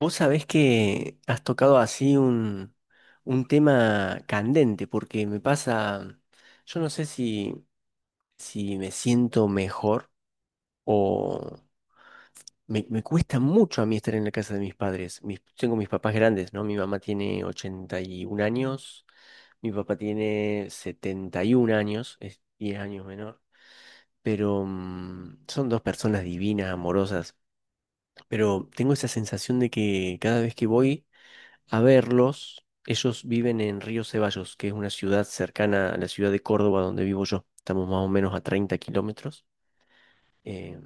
Vos sabés que has tocado así un tema candente, porque me pasa, yo no sé si me siento mejor o me cuesta mucho a mí estar en la casa de mis padres. Tengo mis papás grandes, ¿no? Mi mamá tiene 81 años, mi papá tiene 71 años, es 10 años menor, pero son dos personas divinas, amorosas, pero tengo esa sensación de que cada vez que voy a verlos. Ellos viven en Río Ceballos, que es una ciudad cercana a la ciudad de Córdoba donde vivo yo. Estamos más o menos a 30 km. Eh,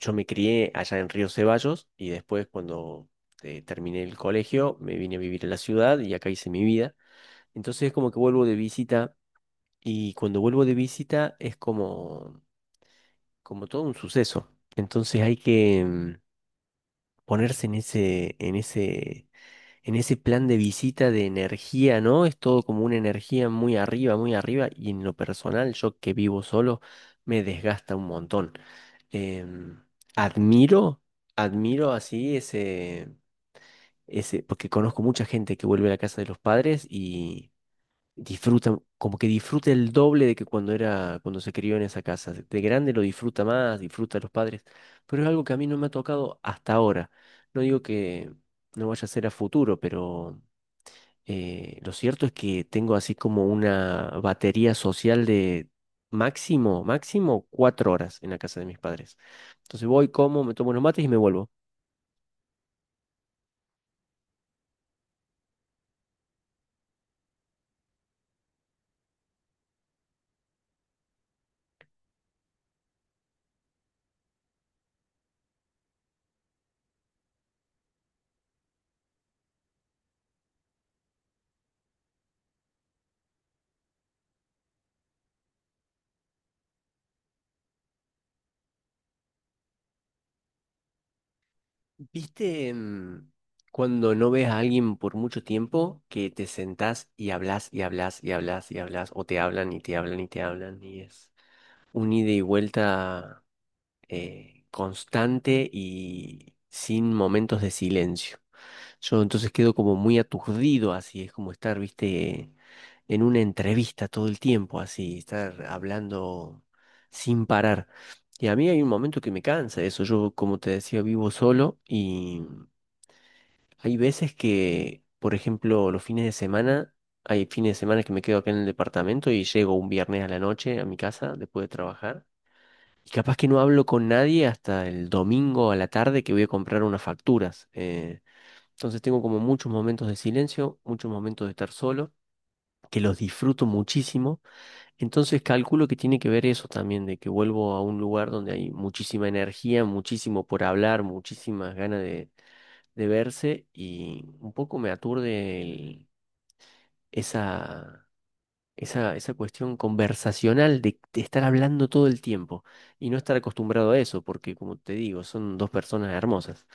yo me crié allá en Río Ceballos y después cuando terminé el colegio me vine a vivir a la ciudad y acá hice mi vida. Entonces es como que vuelvo de visita y cuando vuelvo de visita es como, como todo un suceso. Entonces hay que ponerse en ese plan de visita de energía, ¿no? Es todo como una energía muy arriba, y en lo personal, yo que vivo solo, me desgasta un montón. Em, admiro, admiro así ese, porque conozco mucha gente que vuelve a la casa de los padres y disfruta, como que disfruta el doble de que cuando se crió en esa casa. De grande lo disfruta más, disfruta a los padres, pero es algo que a mí no me ha tocado hasta ahora. No digo que no vaya a ser a futuro, pero lo cierto es que tengo así como una batería social de máximo, máximo 4 horas en la casa de mis padres. Entonces voy, como, me tomo unos mates y me vuelvo. ¿Viste cuando no ves a alguien por mucho tiempo que te sentás y hablas y hablas y hablas y hablas o te hablan y te hablan y te hablan y es un ida y vuelta constante y sin momentos de silencio? Yo entonces quedo como muy aturdido, así es como estar, viste, en una entrevista todo el tiempo, así, estar hablando sin parar. Y a mí hay un momento que me cansa eso. Yo, como te decía, vivo solo y hay veces que, por ejemplo, los fines de semana, hay fines de semana que me quedo acá en el departamento y llego un viernes a la noche a mi casa después de trabajar. Y capaz que no hablo con nadie hasta el domingo a la tarde que voy a comprar unas facturas. Entonces tengo como muchos momentos de silencio, muchos momentos de estar solo, que los disfruto muchísimo. Entonces calculo que tiene que ver eso también, de que vuelvo a un lugar donde hay muchísima energía, muchísimo por hablar, muchísimas ganas de verse y un poco me aturde esa esa cuestión conversacional de estar hablando todo el tiempo y no estar acostumbrado a eso, porque como te digo, son dos personas hermosas,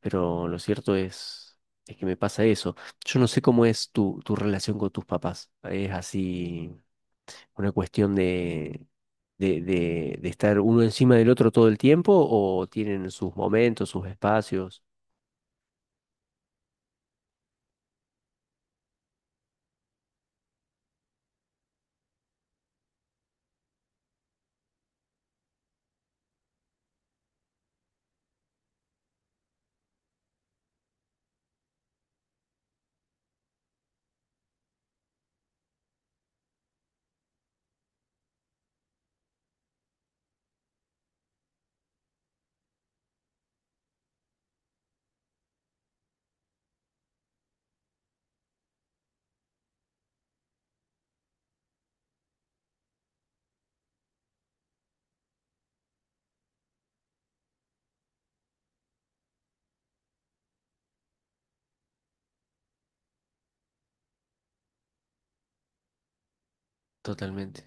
pero lo cierto es que me pasa eso. Yo no sé cómo es tu relación con tus papás, es así una cuestión de estar uno encima del otro todo el tiempo o tienen sus momentos, sus espacios. Totalmente.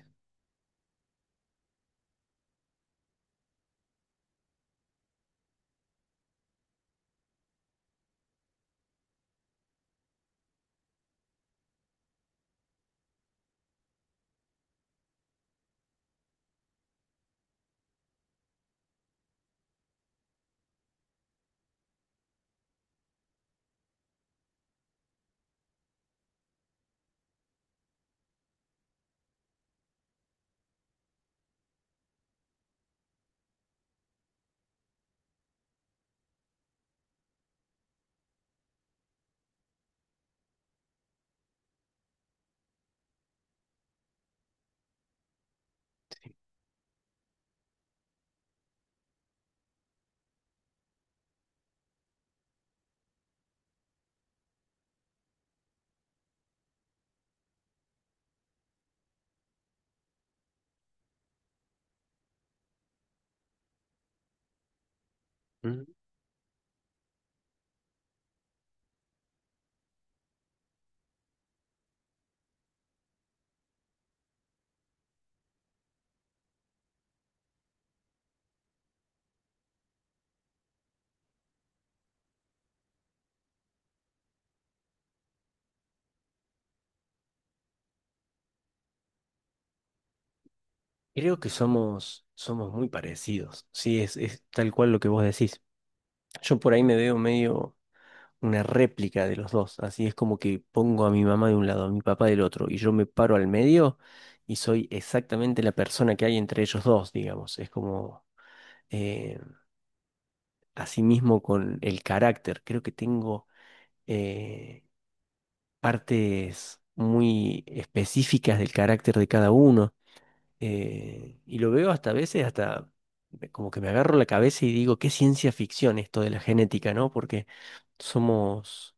Mm, Creo que somos muy parecidos. Sí, es tal cual lo que vos decís. Yo por ahí me veo medio una réplica de los dos, así es como que pongo a mi mamá de un lado, a mi papá del otro, y yo me paro al medio y soy exactamente la persona que hay entre ellos dos, digamos. Es como eh, así mismo con el carácter. Creo que tengo eh, partes muy específicas del carácter de cada uno. Y lo veo hasta a veces, hasta como que me agarro la cabeza y digo, qué ciencia ficción esto de la genética, ¿no? Porque somos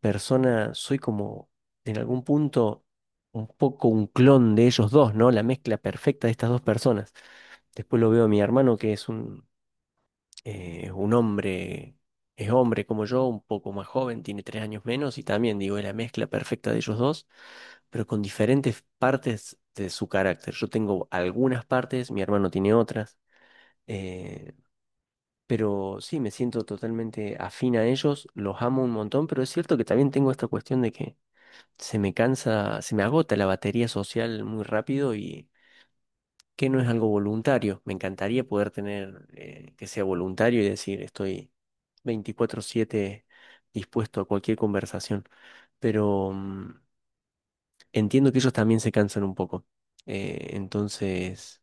personas, soy como en algún punto un poco un clon de ellos dos, ¿no? La mezcla perfecta de estas dos personas. Después lo veo a mi hermano, que es es un hombre, es hombre como yo, un poco más joven, tiene 3 años menos y también, digo, es la mezcla perfecta de ellos dos, pero con diferentes partes de su carácter. Yo tengo algunas partes, mi hermano tiene otras, eh, pero sí, me siento totalmente afín a ellos, los amo un montón, pero es cierto que también tengo esta cuestión de que se me cansa, se me agota la batería social muy rápido y que no es algo voluntario. Me encantaría poder tener que sea voluntario y decir estoy 24/7 dispuesto a cualquier conversación, pero entiendo que ellos también se cansan un poco. Entonces,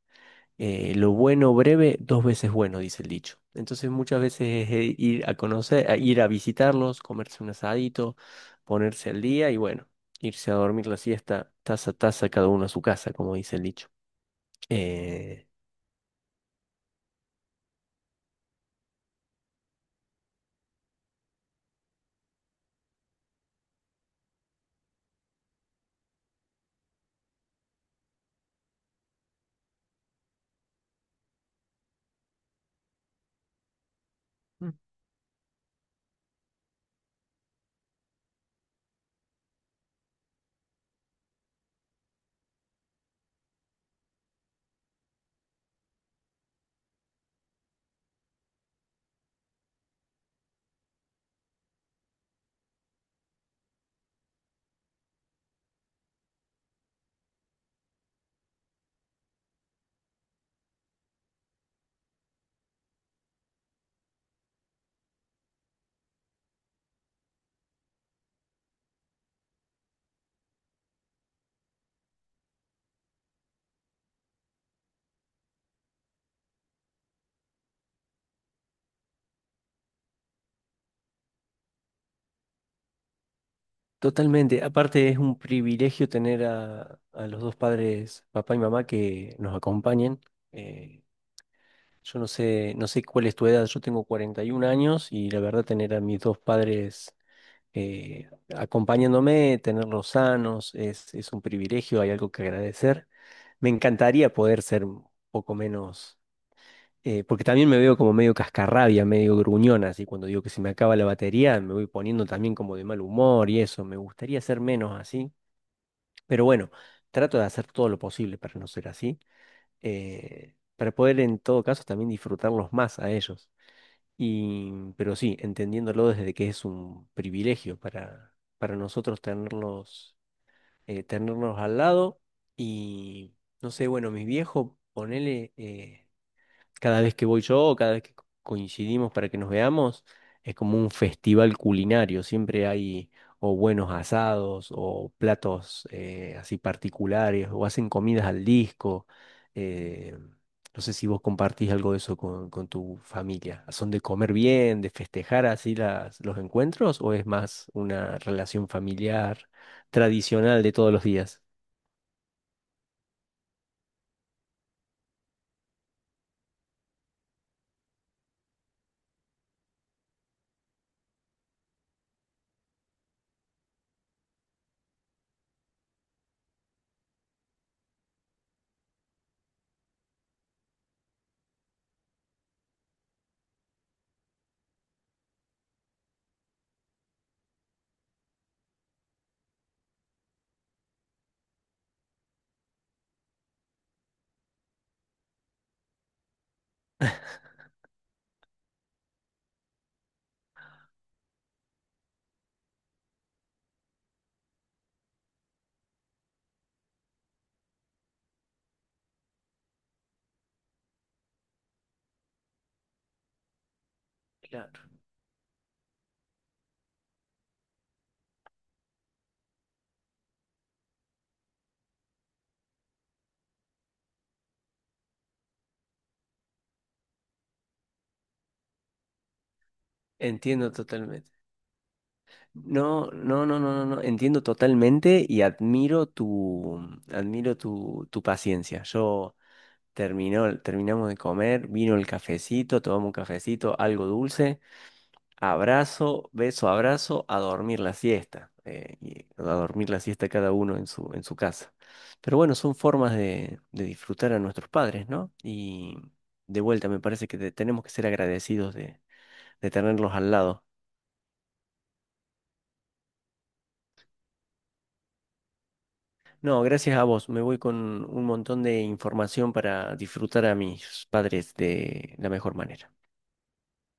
lo bueno breve, dos veces bueno, dice el dicho. Entonces muchas veces es ir a conocer, a ir a visitarlos, comerse un asadito, ponerse al día y bueno, irse a dormir la siesta, taza a taza, cada uno a su casa, como dice el dicho. Eh, Totalmente. Aparte es un privilegio tener a los dos padres, papá y mamá, que nos acompañen. Eh, yo no sé cuál es tu edad, yo tengo 41 años y la verdad tener a mis dos padres eh, acompañándome, tenerlos sanos, es un privilegio, hay algo que agradecer. Me encantaría poder ser un poco menos, porque también me veo como medio cascarrabia, medio gruñona, así cuando digo que se me acaba la batería, me voy poniendo también como de mal humor y eso, me gustaría ser menos así. Pero bueno, trato de hacer todo lo posible para no ser así, para poder en todo caso también disfrutarlos más a ellos. Pero sí, entendiéndolo desde que es un privilegio para, nosotros tenerlos, tenerlos al lado. Y no sé, bueno, mis viejos, ponele, cada vez que voy yo o cada vez que coincidimos para que nos veamos, es como un festival culinario. Siempre hay o buenos asados o platos así particulares o hacen comidas al disco. Eh, no sé si vos compartís algo de eso con tu familia. ¿Son de comer bien, de festejar así los encuentros o es más una relación familiar tradicional de todos los días? Claro, entiendo totalmente. No, no, no, no, no, no, entiendo totalmente y admiro tu paciencia. Yo terminamos de comer, vino el cafecito, tomamos un cafecito, algo dulce, abrazo, beso, abrazo, a dormir la siesta, y a dormir la siesta cada uno en su casa. Pero bueno, son formas de disfrutar a nuestros padres, ¿no? Y de vuelta, me parece que tenemos que ser agradecidos de, tenerlos al lado. No, gracias a vos. Me voy con un montón de información para disfrutar a mis padres de la mejor manera.